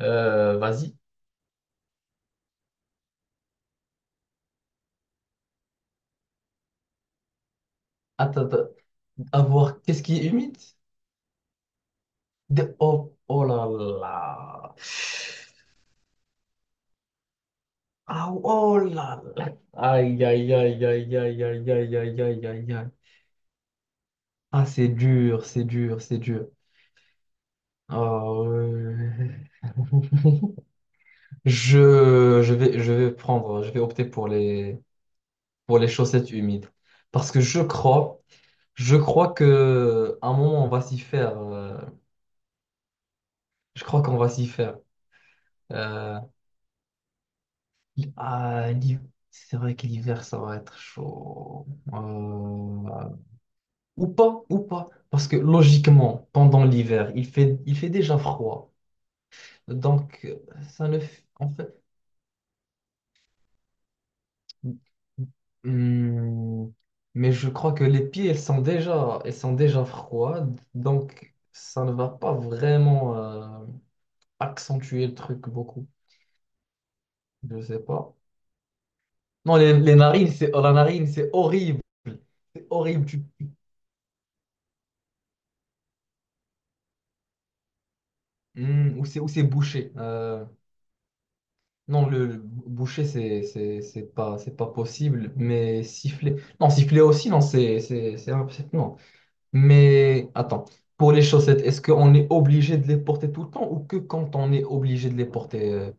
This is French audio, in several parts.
Vas-y. Attends, attends. À voir, qu'est-ce qui est humide? Oh, oh là là. Ah, oh là là. Aïe, aïe, aïe, aïe, aïe, aïe, aïe, aïe, aïe, aïe, aïe. Ah, c'est dur, c'est dur, c'est dur. Ah, ouais. Je vais opter pour les chaussettes humides. Parce que je crois que à un moment, on va s'y faire. Je crois qu'on va s'y faire. Euh, Ah, c'est vrai que l'hiver, ça va être chaud. Euh, Ou pas, ou pas. Parce que logiquement, pendant l'hiver, il fait déjà froid. Donc, ça ne fait. En fait. Hmm, Mais je crois que les pieds, elles sont déjà froides. Donc, ça ne va pas vraiment accentuer le truc beaucoup. Je sais pas. Non, les narines, c'est. Oh, la narine, c'est horrible. C'est horrible. Ou c'est ou c'est bouché. Non, le bouché, c'est pas possible. Mais siffler, non, siffler aussi, non, non. Mais attends, pour les chaussettes, est-ce qu'on est obligé de les porter tout le temps ou que quand on est obligé de les porter?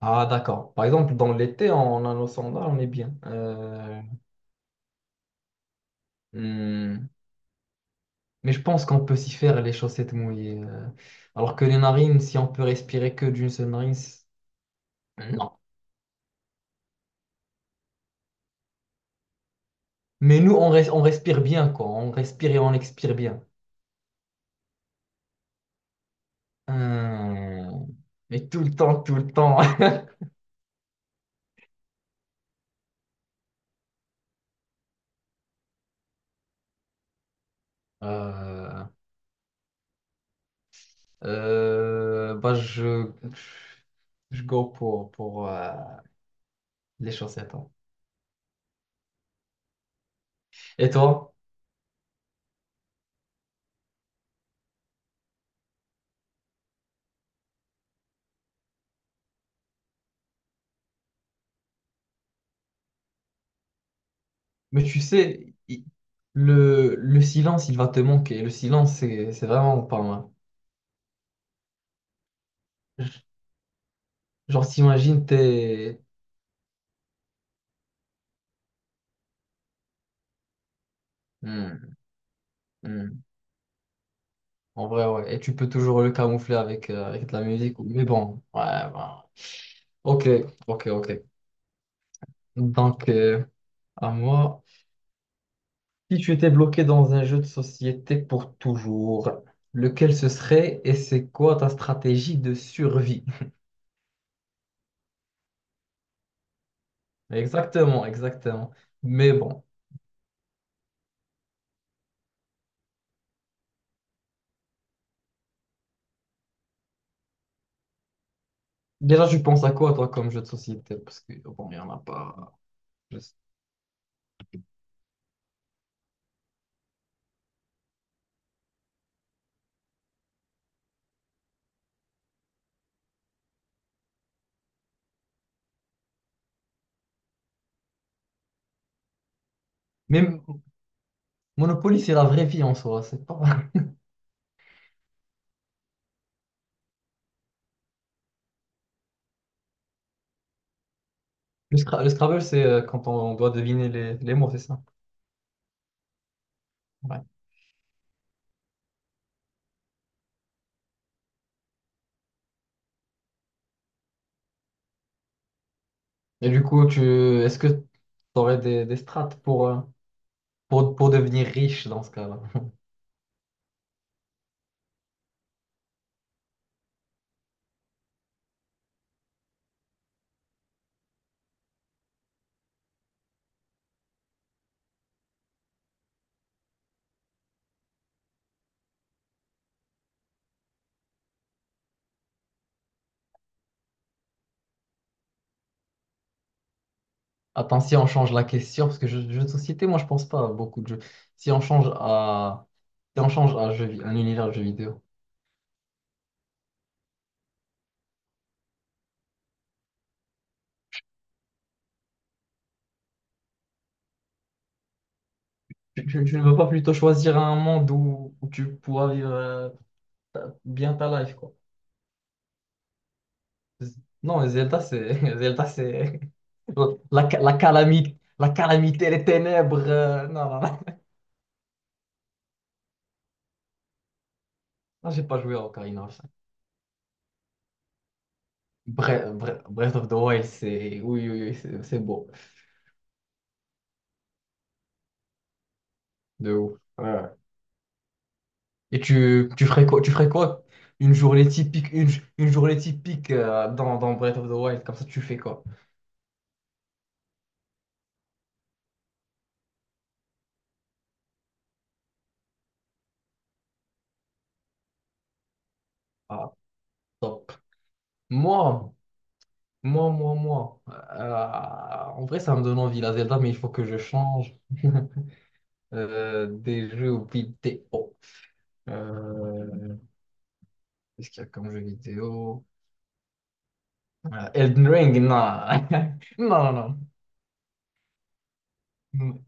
Ah, d'accord. Par exemple, dans l'été, on a nos sandales, on est bien. Hmm, Mais je pense qu'on peut s'y faire les chaussettes mouillées. Alors que les narines, si on peut respirer que d'une seule narine, non. Mais nous, on respire bien, quoi. On respire et on expire bien. Hum, Mais tout le temps, tout le temps. Euh, Bah, je go pour les chaussettes, hein. Et toi? Mais tu sais, le silence, il va te manquer. Le silence, c'est vraiment pas mal. Genre, t'imagines, t'es. Hmm, hmm. En vrai, ouais. Et tu peux toujours le camoufler avec de la musique. Mais bon, ouais, bah. Ok, ok, ok. Donc, à moi, si tu étais bloqué dans un jeu de société pour toujours, lequel ce serait et c'est quoi ta stratégie de survie? Exactement, exactement. Mais bon, déjà, tu penses à quoi, toi, comme jeu de société? Parce que, bon, il n'y en a pas. Je sais. Même Monopoly, c'est la vraie vie en soi. C'est pas. Le Scrabble, c'est quand on doit deviner les mots, c'est ça. Ouais. Et du coup, tu, est-ce que tu aurais des strates pour devenir riche dans ce cas-là? Attends, si on change la question, parce que jeux de société, moi je pense pas à beaucoup de jeux. Si on change à, si on change à jeu vi- un univers de jeux vidéo, tu ne veux pas plutôt choisir un monde où tu pourras vivre bien ta life, quoi? Z- Non, Zelda, c'est Zelda, c'est la calamité, la calamité, les ténèbres. Non, non, non. Non, j'ai pas joué à Ocarina of Time. Breath of the Wild, c'est oui, oui, oui, c'est beau, de ouf. Ouais. Et tu ferais quoi, tu ferais quoi? Une journée typique, une journée typique dans Breath of the Wild, comme ça tu fais quoi? Ah, top. Moi, moi, moi, moi. En vrai, ça me donne envie la Zelda, mais il faut que je change des jeux vidéo. Euh, Qu'est-ce qu'il y a comme jeu vidéo? Elden Ring, non. Non, non, non.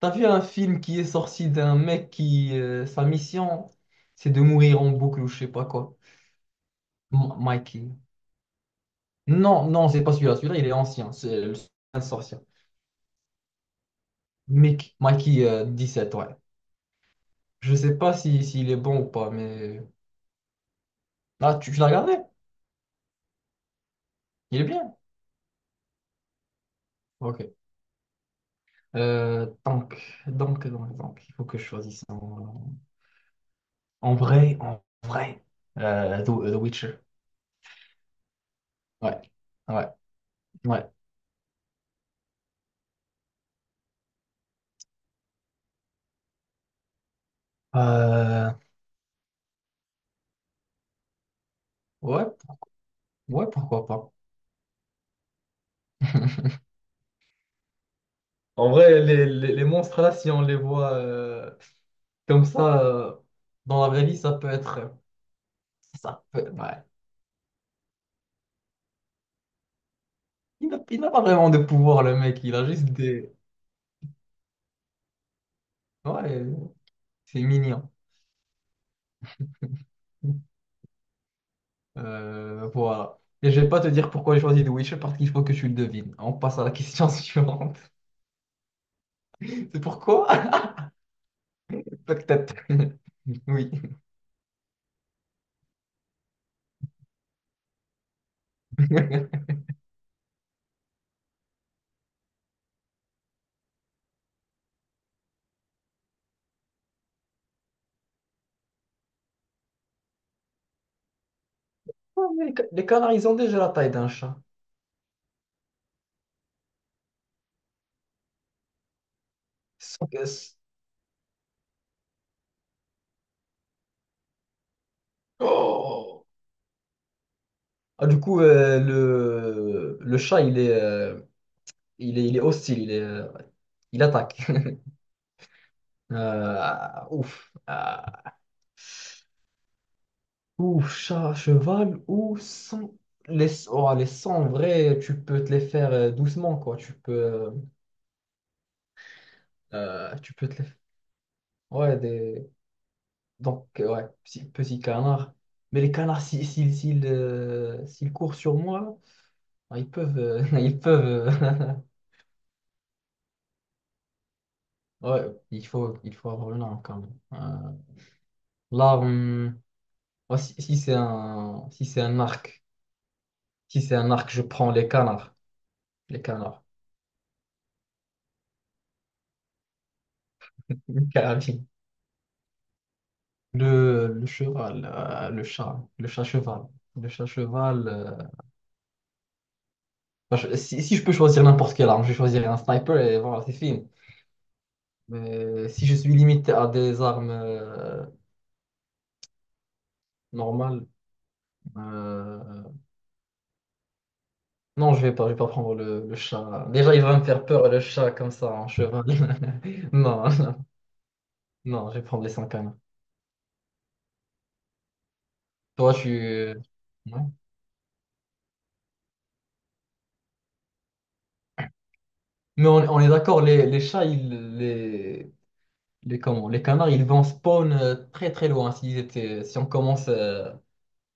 T'as vu un film qui est sorti d'un mec qui, sa mission, c'est de mourir en boucle ou je sais pas quoi. Mikey. Non, non, c'est pas celui-là. Celui-là, il est ancien. C'est le un sorcier. Mikey sept, ouais. Je sais pas si, s'il est bon ou pas, mais. Ah, tu l'as regardé? Il est bien. Ok. Euh, donc, il faut que je choisisse en vrai, en vrai. The Witcher. Ouais. Ouais. Ouais. Euh, ouais. Ouais, pourquoi pas. En vrai, les monstres là, si on les voit comme ça, dans la vraie vie, ça peut être. Ouais. Il n'a pas vraiment de pouvoir, le mec. Il a juste des. Ouais, c'est mignon. Voilà. Et je vais pas te dire pourquoi j'ai choisi The Witcher parce qu'il faut que tu le devines. On passe à la question suivante. C'est pourquoi? Peut-être. Oui. Oh, mais les canards, ils ont déjà la taille d'un chat. Sans caisse. Oh. Ah, du coup, le chat, il est hostile, il attaque. Ouf. Ou chat, cheval, ou sans. Oh, les sangs, en vrai, tu peux te les faire doucement, quoi. Tu peux te les. Ouais, des. Donc, ouais, petit, petit canard. Mais les canards, s'ils courent sur moi, ah, ils peuvent. Ils peuvent ouais, il faut avoir une arme, quand même. Là, ouais, si c'est un arc, je prends les canards. Les canards. carabine. Le cheval, le chat cheval. Le chat cheval. Enfin, si je peux choisir n'importe quelle arme, je choisirais un sniper et voilà, c'est fini. Mais si je suis limité à des armes normales, euh, non, je vais pas prendre le chat. Déjà, il va me faire peur, le chat, comme ça, en cheval. Non, non, je vais prendre les 5 canons. Toi, tu. Ouais. Mais on est d'accord, les chats, les, comment, les canards, ils vont spawn très très loin. S'ils étaient, si on commence euh,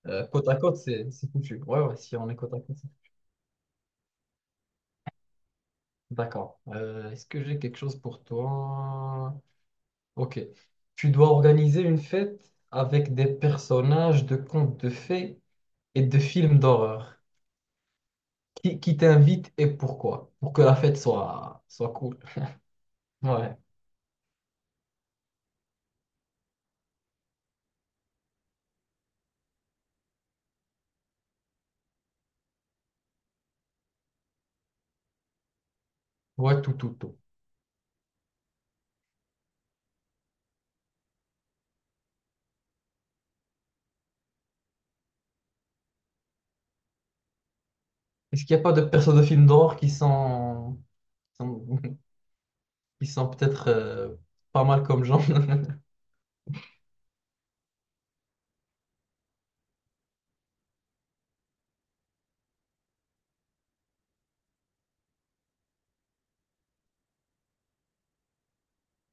euh, côte à côte, c'est foutu. Ouais, ouais, si on est côte à côte, c'est foutu. D'accord. Est-ce que j'ai quelque chose pour toi? Ok. Tu dois organiser une fête avec des personnages de contes de fées et de films d'horreur. Qui t'invite et pourquoi? Pour que la fête soit, cool. Ouais, ouais, tout, tout, tout. Est-ce qu'il n'y a pas de persos de films d'horreur qui sont, qui sont peut-être pas mal comme genre?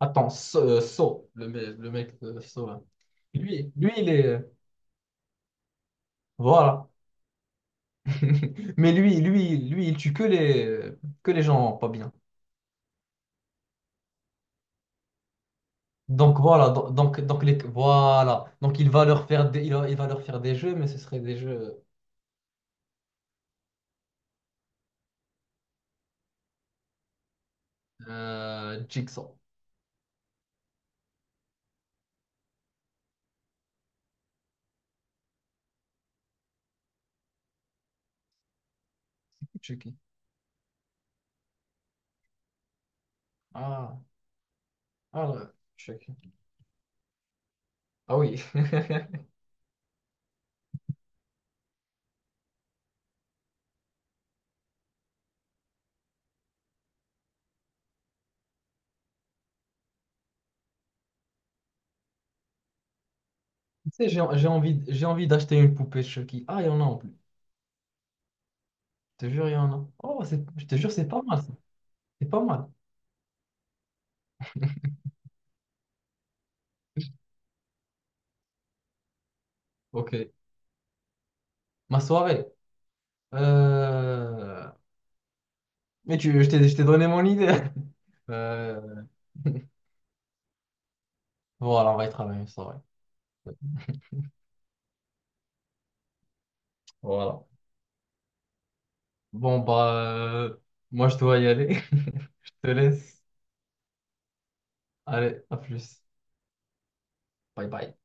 Attends, So, le mec de So, là. Il est. Voilà. Mais il tue que les gens pas bien. Donc voilà, donc les, voilà. Donc il va leur faire des jeux, mais ce seraient des jeux. Jigsaw. C'est qui? Ah, ah, là, Chucky. Ah oui. Tu sais, j'ai envie d'acheter une poupée Chucky. Ah, il y en a en plus. Je te jure, il y en a. Oh, je te jure, c'est pas mal ça. C'est pas mal. Ok. Ma soirée. Euh, Mais je t'ai donné mon idée. Euh, voilà, on va y travailler, ça va. Voilà. Bon, bah, moi, je dois y aller. Je te laisse. Allez, à plus. Bye bye.